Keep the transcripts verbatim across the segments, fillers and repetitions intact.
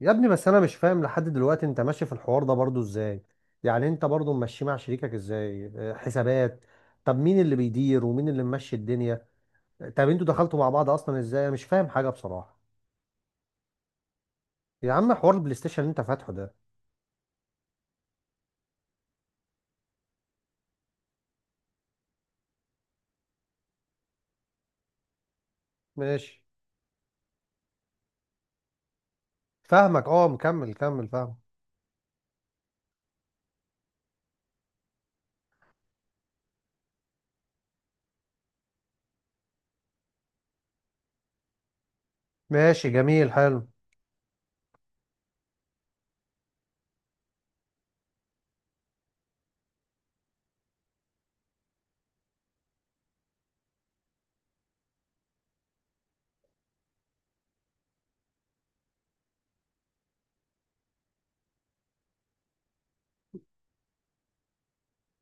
يا ابني، بس انا مش فاهم لحد دلوقتي انت ماشي في الحوار ده برضو ازاي؟ يعني انت برضو ماشي مع شريكك ازاي؟ آه، حسابات. طب مين اللي بيدير ومين اللي ممشي الدنيا؟ طب انتوا دخلتوا مع بعض اصلا ازاي؟ أنا مش فاهم حاجة بصراحة. يا عم، حوار البلاي ستيشن اللي انت فاتحه ده. ماشي، فاهمك. اه، مكمل كمل، فاهم. ماشي، جميل، حلو.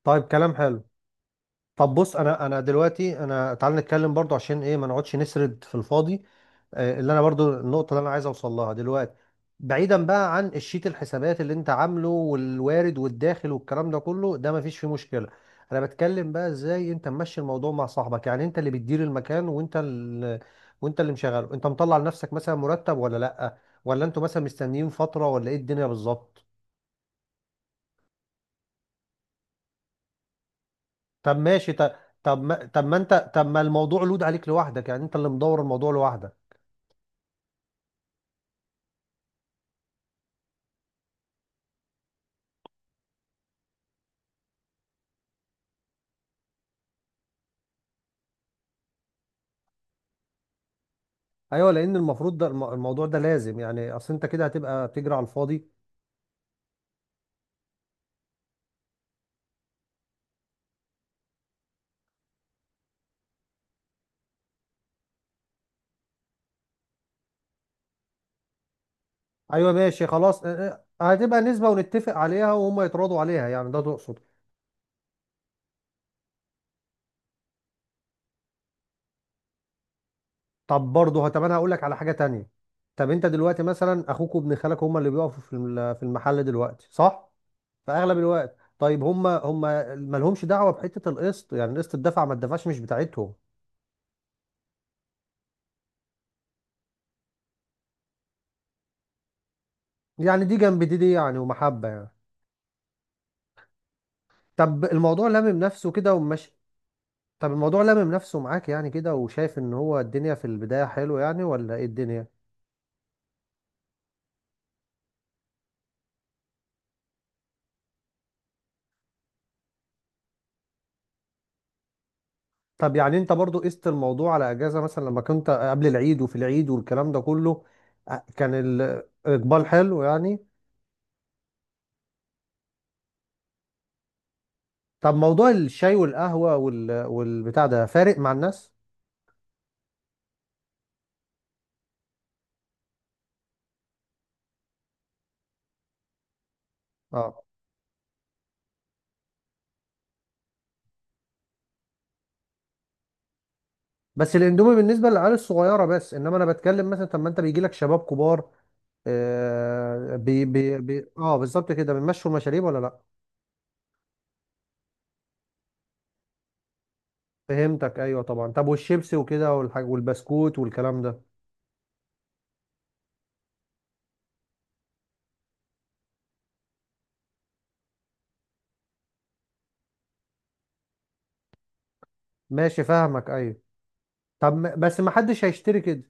طيب، كلام حلو. طب بص، انا انا دلوقتي، انا تعال نتكلم برضو عشان ايه ما نقعدش نسرد في الفاضي. آه، اللي انا برضو النقطه اللي انا عايز اوصل لها دلوقتي. بعيدا بقى عن الشيت، الحسابات اللي انت عامله والوارد والداخل والكلام ده كله، ده ما فيش فيه مشكله. انا بتكلم بقى ازاي انت ممشي الموضوع مع صاحبك. يعني انت اللي بتدير المكان وانت اللي وانت اللي مشغله، انت مطلع لنفسك مثلا مرتب ولا لا؟ ولا انتوا مثلا مستنيين فتره، ولا ايه الدنيا بالظبط؟ طب ماشي، طب. طب ما طب ما انت طب ما الموضوع لود عليك لوحدك، يعني انت اللي مدور الموضوع لوحدك. ايوه لان المفروض ده الم- الموضوع ده لازم، يعني اصل انت كده هتبقى بتجري على الفاضي. ايوه ماشي، خلاص. اه، اه، هتبقى نسبة ونتفق عليها وهم يتراضوا عليها، يعني ده تقصد؟ طب برضه، طب انا هقول لك على حاجة تانية. طب انت دلوقتي مثلا اخوك وابن خالك هم اللي بيقفوا في الم- في المحل دلوقتي، صح؟ في اغلب الوقت. طيب، هم هم مالهمش دعوة بحتة القسط، يعني قسط الدفع ما الدفعش مش بتاعتهم. يعني دي جنب دي دي يعني ومحبة يعني. طب الموضوع لامم نفسه كده وماشي. طب الموضوع لامم نفسه معاك يعني كده، وشايف ان هو الدنيا في البداية حلو يعني، ولا ايه الدنيا؟ طب يعني انت برضو قست الموضوع على اجازة، مثلا لما كنت قبل العيد وفي العيد والكلام ده كله. أ- كان الاقبال حلو يعني. طب موضوع الشاي والقهوة وال... والبتاع ده فارق مع الناس؟ اه. بس الاندومي بالنسبة للعيال الصغيرة بس، انما انا بتكلم مثلا طب ما انت بيجي لك شباب كبار. آه بي... بي... بي... اه بالظبط كده، بيمشوا المشاريب ولا لا؟ فهمتك، ايوه طبعا. طب والشيبسي وكده والحاج والبسكوت والكلام ده؟ ماشي، فاهمك. ايوه. طب ما- بس ما حدش هيشتري كده.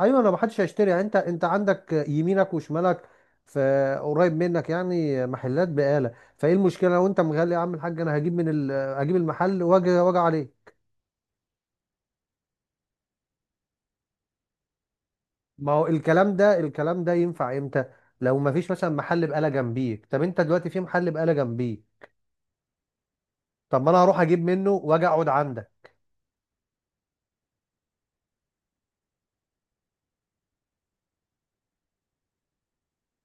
ايوه، انا ما حدش هيشتري يعني. انت انت عندك يمينك وشمالك في قريب منك، يعني محلات بقالة. فايه المشكله لو انت مغلي يا عم الحاج، انا هجيب من ال... هجيب المحل واجي، واجي عليه. ما هو الكلام ده الكلام ده ينفع امتى؟ لو ما فيش مثلا محل بقالة جنبيك. طب انت دلوقتي في محل بقالة جنبيك. طب ما انا هروح اجيب منه واجي اقعد عندك.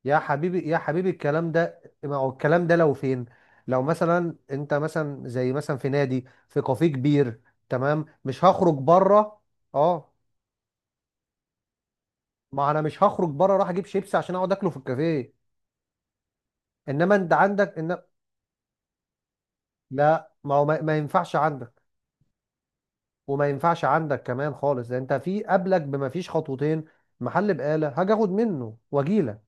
يا حبيبي يا حبيبي، الكلام ده، ما هو الكلام ده لو فين؟ لو مثلا انت مثلا زي مثلا في نادي، في كافيه كبير. تمام، مش هخرج بره. اه، ما انا مش هخرج بره اروح اجيب شيبسي عشان اقعد اكله في الكافيه. انما انت عندك ان، لا، ما هو ما ما ينفعش عندك. وما ينفعش عندك كمان خالص، ده انت في قبلك بما فيش خطوتين محل بقالة، هاجي اخد منه واجيلك.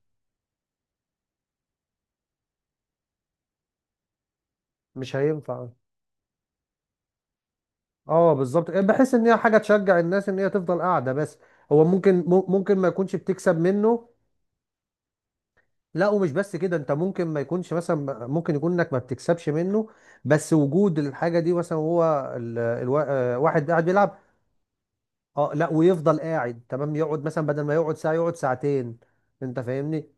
مش هينفع. اه بالظبط، بحس ان هي حاجه تشجع الناس ان هي تفضل قاعده بس. هو ممكن مم- ممكن ما يكونش بتكسب منه. لا، ومش بس كده. انت ممكن ما يكونش مثلا، ممكن يكون انك ما بتكسبش منه. بس وجود الحاجه دي مثلا هو ال... الوا... آه، واحد قاعد بيلعب. اه لا، ويفضل قاعد، تمام. يقعد مثلا بدل ما يقعد ساعه يقعد ساعتين. انت فاهمني.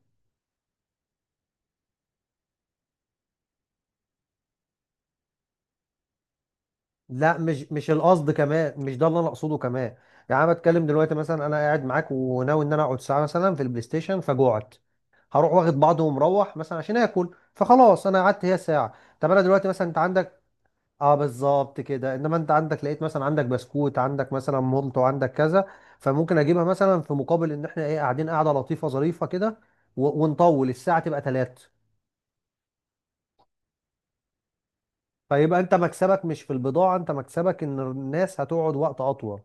لا، مش مش القصد كمان، مش ده اللي انا اقصده كمان. يعني انا بتكلم دلوقتي مثلا، انا قاعد معاك وناوي ان انا اقعد ساعه مثلا في البلاي ستيشن، فجوعت. هروح واخد بعضه ومروح مثلا عشان اكل. فخلاص، انا قعدت هي ساعه. طب انا دلوقتي مثلا، انت عندك. اه بالظبط كده، انما انت عندك لقيت مثلا، عندك بسكوت، عندك مثلا مولت، وعندك كذا. فممكن اجيبها مثلا في مقابل ان احنا، ايه، قاعدين قاعده لطيفه ظريفه كده. و- ونطول الساعه تبقى ثلاث. فيبقى انت مكسبك مش في البضاعه، انت مكسبك ان الناس هتقعد وقت اطول.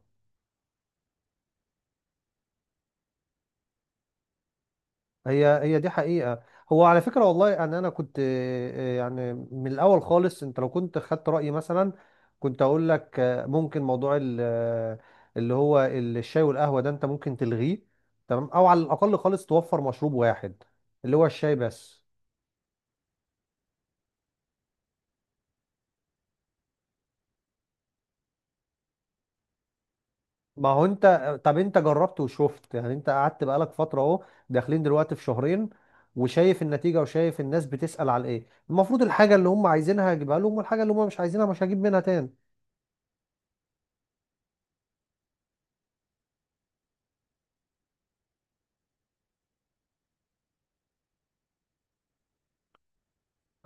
هي، هي دي حقيقة. هو على فكرة والله، أنا أنا كنت، آه، يعني من الأول خالص، أنت لو كنت خدت رأيي مثلا كنت أقول لك، آه، ممكن موضوع ال- آه، اللي هو الشاي والقهوة ده أنت ممكن تلغيه. تمام، أو على الأقل خالص توفر مشروب واحد، اللي هو الشاي بس. ما هو أنت، طب أنت جربت وشفت يعني، أنت قعدت بقالك فترة، أهو داخلين دلوقتي في شهرين. وشايف النتيجة وشايف الناس بتسأل على إيه. المفروض الحاجة اللي هم عايزينها هجيبها لهم، والحاجة اللي هم مش عايزينها مش هجيب منها تاني.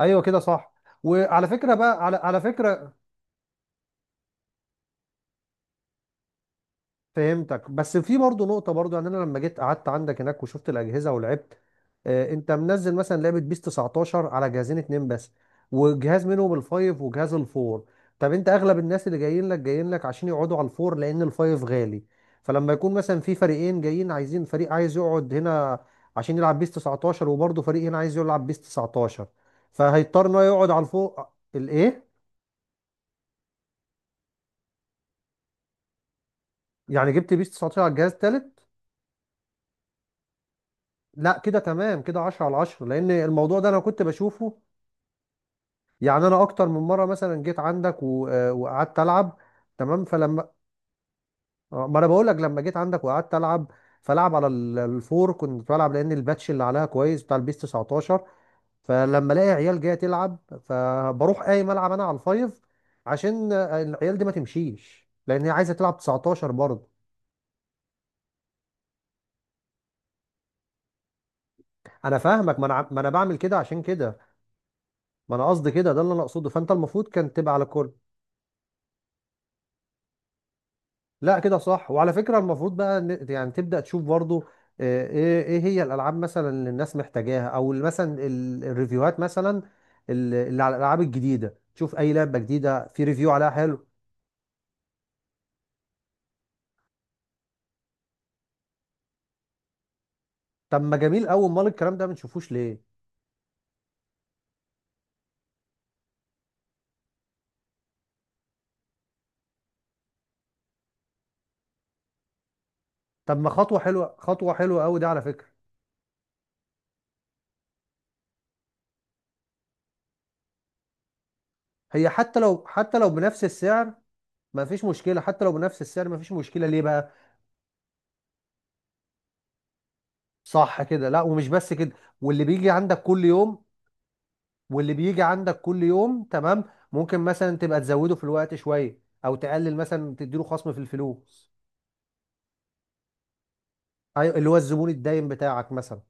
ايوه، كده صح. وعلى فكره بقى، على على فكره. فهمتك، بس في برضه نقطه برضه. يعني انا لما جيت قعدت عندك هناك وشفت الاجهزه ولعبت. آه، انت منزل مثلا لعبه بيس تسعتاشر على جهازين اتنين بس، وجهاز منهم الفايف وجهاز الفور. طب انت، اغلب الناس اللي جايين لك، جايين لك عشان يقعدوا على الفور لان الفايف غالي. فلما يكون مثلا في فريقين جايين عايزين، فريق عايز يقعد هنا عشان يلعب بيس تسعتاشر، وبرضه فريق هنا عايز يلعب بيس تسعتاشر. فهيضطر ان هو يقعد على الفوق. الايه؟ يعني جبت بيس تسعتاشر على الجهاز التالت؟ لا، كده تمام. كده عشرة على عشرة، لان الموضوع ده انا كنت بشوفه. يعني انا اكتر من مره مثلا جيت عندك و- آه، وقعدت العب. تمام، فلما، آه، ما انا بقول لك لما جيت عندك وقعدت العب. فلعب على ال- الفور كنت بلعب، لان الباتش اللي عليها كويس بتاع البيس تسعتاشر. فلما الاقي عيال جايه تلعب فبروح قايم العب انا على الفايف، عشان آه، العيال دي ما تمشيش، لان هي عايزه تلعب تسعتاشر برضه. انا فاهمك، ما انا ع- ما انا بعمل كده عشان كده. ما انا قصدي كده، ده اللي انا اقصده. فانت المفروض كان تبقى على كل. لا، كده صح. وعلى فكرة المفروض بقى ن- يعني تبدأ تشوف برضو، آه، ايه ايه هي الالعاب مثلا اللي الناس محتاجاها، او ال- مثلا ال- الريفيوهات مثلا، ال- اللي على الالعاب الجديدة. تشوف اي لعبة جديدة في ريفيو عليها حلو. طب ما جميل قوي، امال الكلام ده ما نشوفوش ليه؟ طب ما خطوة حلوة، خطوة حلوة قوي دي على فكرة. هي حتى لو حتى لو بنفس السعر، ما فيش مشكلة. حتى لو بنفس السعر ما فيش مشكلة، ليه بقى؟ صح كده. لا، ومش بس كده. واللي بيجي عندك كل يوم، واللي بيجي عندك كل يوم، تمام. ممكن مثلا تبقى تزوده في الوقت شويه، او تقلل مثلا تديله خصم في الفلوس. ايوه، اللي هو الزبون الدايم بتاعك مثلا.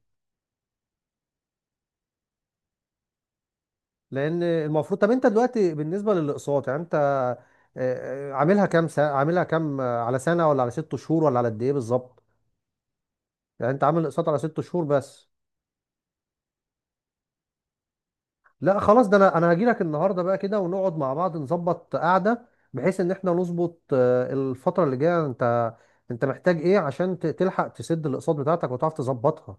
لان المفروض. طب انت دلوقتي بالنسبه للاقساط، يعني انت آه، آه، عاملها كام سنه، عاملها كام، آه، على سنه ولا على ست شهور ولا على قد ايه بالظبط؟ يعني انت عامل اقساط على ست شهور بس؟ لا خلاص، ده انا انا هاجي لك النهارده بقى كده ونقعد مع بعض نظبط قعده، بحيث ان احنا نظبط آه، الفتره اللي جايه. انت انت محتاج ايه عشان ت- تلحق تسد الاقساط بتاعتك وتعرف تظبطها؟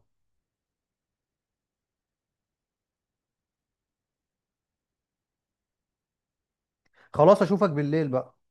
خلاص، اشوفك بالليل بقى.